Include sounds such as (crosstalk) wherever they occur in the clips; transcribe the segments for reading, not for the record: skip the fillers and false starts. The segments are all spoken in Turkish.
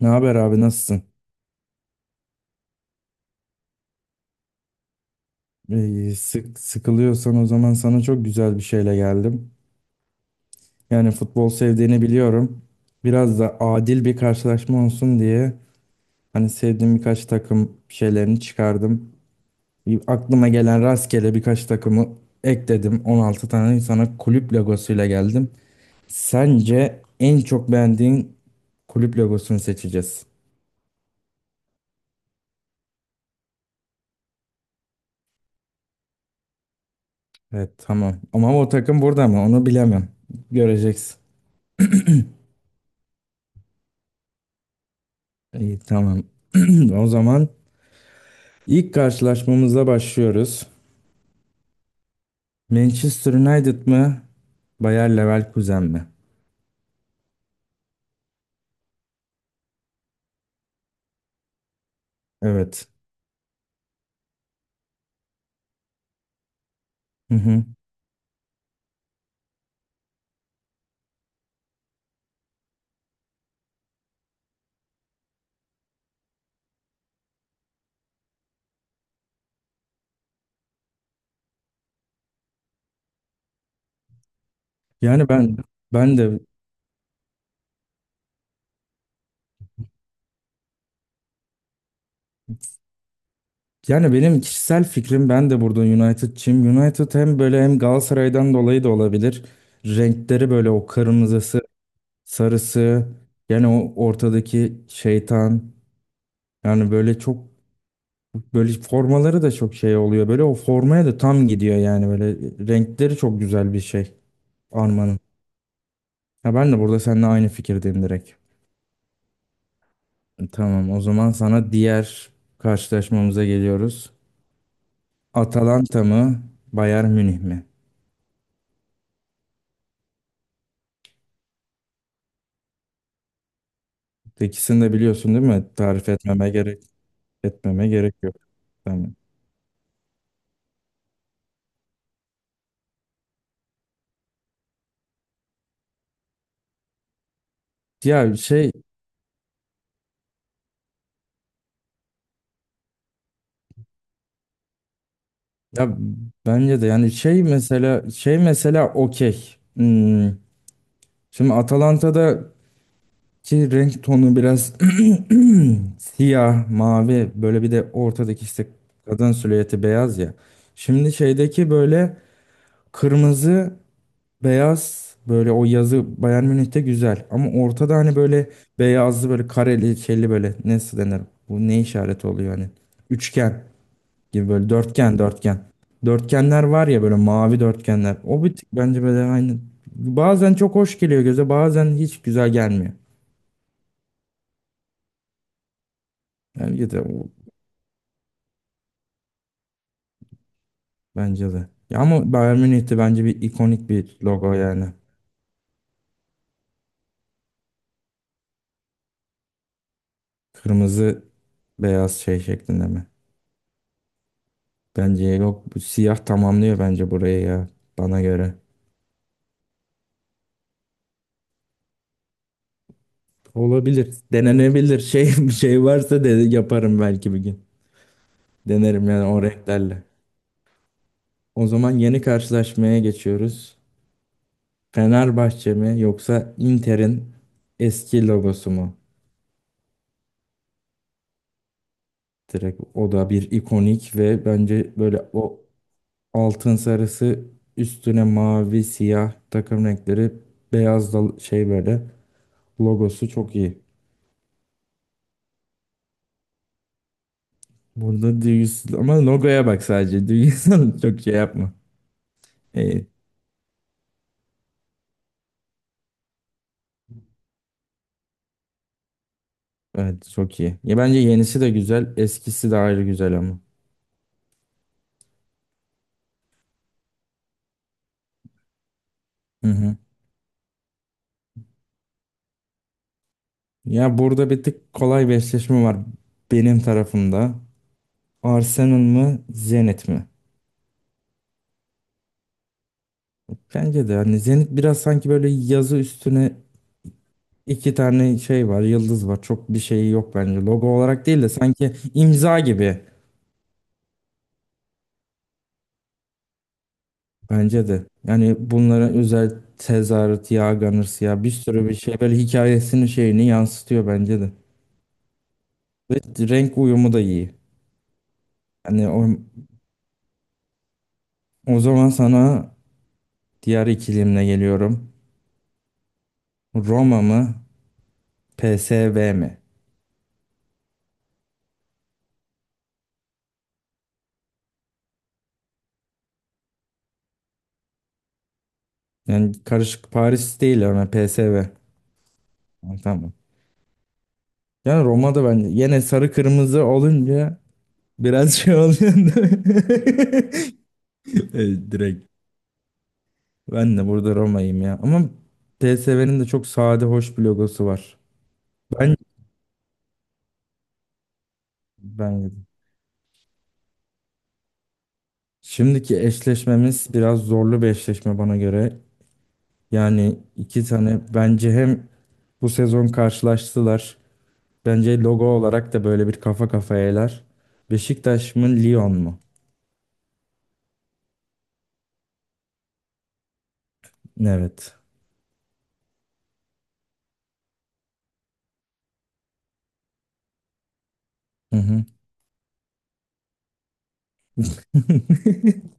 Ne haber abi, nasılsın? İyi, sıkılıyorsan o zaman sana çok güzel bir şeyle geldim. Yani futbol sevdiğini biliyorum. Biraz da adil bir karşılaşma olsun diye hani sevdiğim birkaç takım şeylerini çıkardım. Bir aklıma gelen rastgele birkaç takımı ekledim. 16 tane sana kulüp logosuyla geldim. Sence en çok beğendiğin kulüp logosunu seçeceğiz. Evet, tamam. Ama o takım burada mı? Onu bilemem. Göreceksin. İyi, tamam. (clears throat) O zaman İlk karşılaşmamıza başlıyoruz. Manchester United mı? Bayer Leverkusen mi? Evet. Hı hı. Yani ben de benim kişisel fikrim, ben de burada United'çıyım. United hem böyle hem Galatasaray'dan dolayı da olabilir. Renkleri böyle, o kırmızısı, sarısı, yani o ortadaki şeytan. Yani böyle çok böyle formaları da çok şey oluyor. Böyle o formaya da tam gidiyor yani, böyle renkleri çok güzel bir şey. Armanın. Ya ben de burada seninle aynı fikirdeyim direkt. Tamam, o zaman sana diğer karşılaşmamıza geliyoruz. Atalanta mı, Bayern Münih mi? İkisini de biliyorsun değil mi? Tarif etmeme gerek yok. Tamam. Ya ya bence de yani şey mesela okey. Hmm. Şimdi Atalanta'daki renk tonu biraz (clears throat) siyah, mavi, böyle bir de ortadaki işte kadın silüeti beyaz ya. Şimdi şeydeki böyle kırmızı, beyaz, böyle o yazı Bayern Münih'te güzel. Ama ortada hani böyle beyazlı, böyle kareli, şeyli, böyle nasıl denir? Bu ne işareti oluyor hani? Üçgen gibi, böyle dörtgen dörtgen. Dörtgenler var ya, böyle mavi dörtgenler. O bir tık bence böyle aynı. Bazen çok hoş geliyor göze, bazen hiç güzel gelmiyor. Yani bence de. Ya ama Bayern Münih'te bence bir ikonik bir logo yani. Kırmızı beyaz şey şeklinde mi? Bence yok. Bu siyah tamamlıyor bence burayı ya. Bana göre. Olabilir. Denenebilir. Şey, (laughs) bir şey varsa de yaparım belki bir gün. Denerim yani o renklerle. O zaman yeni karşılaşmaya geçiyoruz. Fenerbahçe mi yoksa Inter'in eski logosu mu? Direkt, o da bir ikonik ve bence böyle o altın sarısı üstüne mavi, siyah takım renkleri, beyaz da şey böyle logosu çok iyi. Burada duygusuz ama, logoya bak sadece. Duygusal (laughs) çok şey yapma. İyi. Evet, çok iyi. Ya bence yenisi de güzel, eskisi de ayrı güzel ama. Hı hı. Ya burada bir tık kolay bir eşleşme var benim tarafımda. Arsenal mı, Zenit mi? Bence de hani Zenit biraz sanki böyle yazı üstüne iki tane şey var, yıldız var. Çok bir şeyi yok bence. Logo olarak değil de sanki imza gibi. Bence de. Yani bunlara özel tezahürat, yağ garnısı ya, bir sürü bir şey, böyle hikayesini şeyini yansıtıyor bence de. Ve renk uyumu da iyi. Yani o, o zaman sana diğer ikilimle geliyorum. Roma mı? PSV mi? Yani karışık Paris değil ama PSV. Ha, tamam. Yani Roma'da bence yine sarı kırmızı olunca biraz şey oluyor, değil mi? (laughs) Evet, direkt ben de burada Roma'yım ya. Ama PSV'nin de çok sade, hoş bir logosu var. Ben ben yedim. Şimdiki eşleşmemiz biraz zorlu bir eşleşme bana göre. Yani iki tane, bence hem bu sezon karşılaştılar. Bence logo olarak da böyle bir kafa kafayalar. Beşiktaş mı, Lyon mu? Evet. Hı hı. (laughs)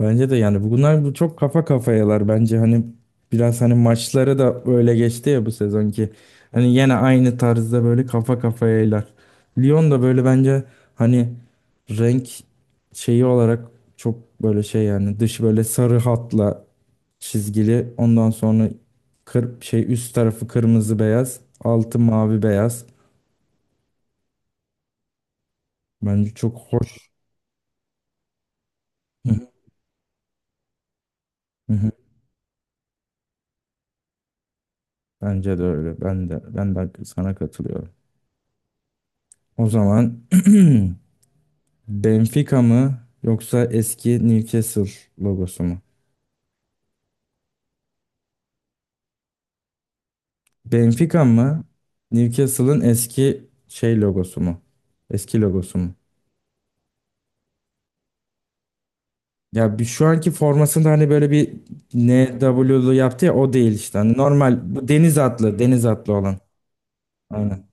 Bence de yani bunlar bu çok kafa kafayalar bence, hani biraz hani maçları da böyle geçti ya bu sezonki. Hani yine aynı tarzda böyle kafa kafayalar. Lyon da böyle bence hani renk şeyi olarak çok böyle şey yani, dış böyle sarı hatla çizgili, ondan sonra kır, şey, üst tarafı kırmızı beyaz, altı mavi beyaz. Bence çok hoş. Hı hı. Hı hı. Bence de öyle. Ben de sana katılıyorum. O zaman (clears throat) Benfica mı yoksa eski Newcastle logosu mu? Benfica mı? Newcastle'ın eski şey logosu mu? Eski logosu mu? Ya, bir şu anki formasında hani böyle bir NW'lu yaptı ya, o değil işte. Hani normal bu deniz atlı olan. Aynen.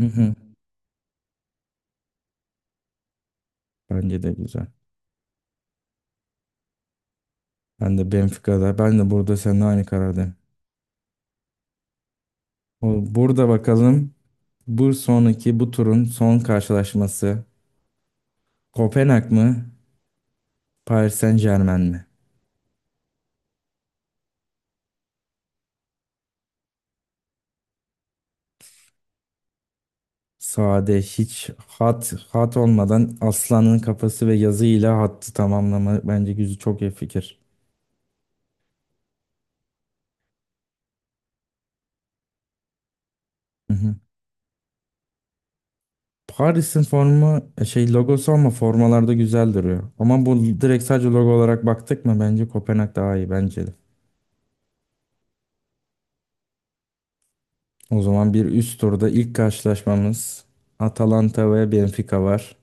Hı hı. Bence de güzel. Ben de Benfica'da. Ben de burada seninle aynı karardayım. O- burada bakalım. Bu turun son karşılaşması, Kopenhag mı? Paris Saint-Germain mi? Sade, hiç hat olmadan, aslanın kafası ve yazıyla hattı tamamlama bence güzel, çok iyi fikir. Hı hı. Paris'in formu e, şey logosu ama formalarda güzel duruyor. Ama bu direkt sadece logo olarak baktık mı bence Kopenhag daha iyi, bence de. O zaman bir üst turda ilk karşılaşmamız, Atalanta ve Benfica var.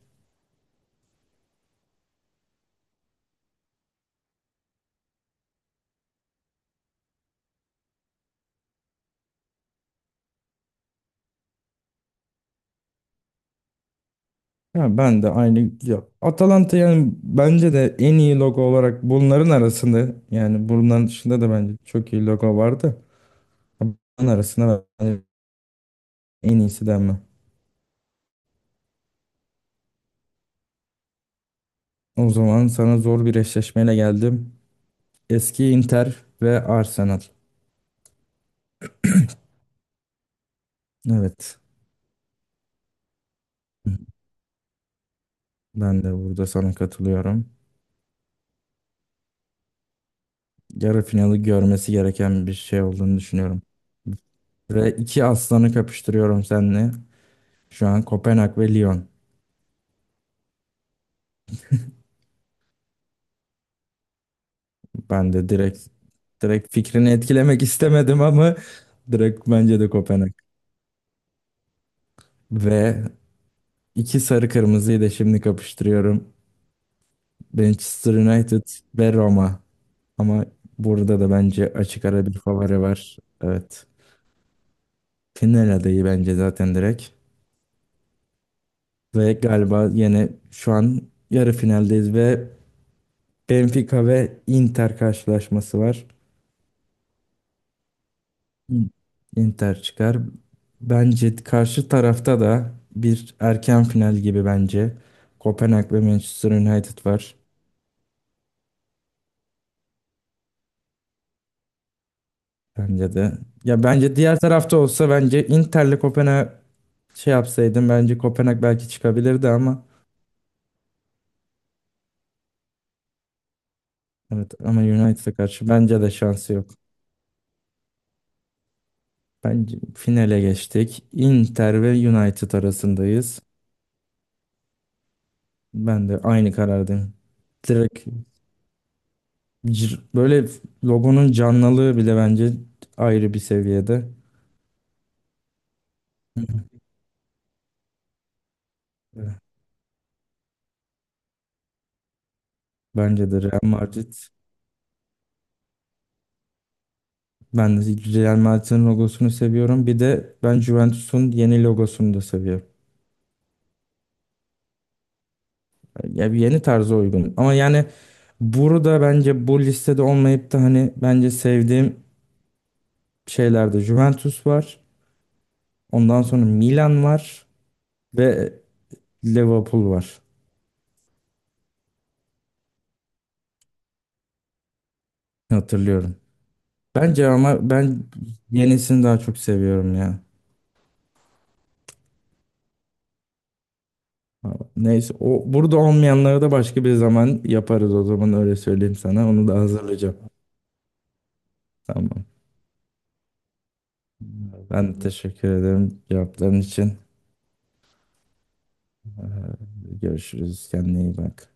Ya ben de aynı ya, Atalanta yani bence de en iyi logo olarak bunların arasında, yani bunların dışında da bence çok iyi logo vardı. Ben arasında bence en iyisi denme. O zaman sana zor bir eşleşmeyle geldim. Eski Inter ve Arsenal. Evet, ben de burada sana katılıyorum. Yarı finali görmesi gereken bir şey olduğunu düşünüyorum. Ve iki aslanı kapıştırıyorum seninle. Şu an Kopenhag ve Lyon. Ben de direkt, fikrini etkilemek istemedim ama direkt bence de Kopenhag. Ve iki sarı kırmızıyı da şimdi kapıştırıyorum. Manchester United ve Roma. Ama burada da bence açık ara bir favori var. Evet. Final adayı bence zaten direkt. Ve galiba yine şu an yarı finaldeyiz ve Benfica ve Inter karşılaşması var. İn- Inter çıkar. Bence karşı tarafta da bir erken final gibi bence. Kopenhag ve Manchester United var. Bence de. Ya bence diğer tarafta olsa bence Inter'le Kopenhag şey yapsaydım bence Kopenhag belki çıkabilirdi ama evet, ama United'a karşı bence de şansı yok. Bence finale geçtik. Inter ve United arasındayız. Ben de aynı karardayım. Direkt böyle logonun canlılığı bile bence ayrı bir seviyede. Evet, bence de Real Madrid. Ben de Real Madrid'in logosunu seviyorum. Bir de ben Juventus'un yeni logosunu da seviyorum. Ya, bir yeni tarza uygun. Ama yani burada bence bu listede olmayıp da hani bence sevdiğim şeylerde Juventus var. Ondan sonra Milan var ve Liverpool var. Hatırlıyorum. Bence ama ben yenisini daha çok seviyorum ya. Neyse, o burada olmayanları da başka bir zaman yaparız, o zaman öyle söyleyeyim sana. Onu da hazırlayacağım. Tamam. Ben de teşekkür ederim cevapların için. Görüşürüz. Kendine iyi bak.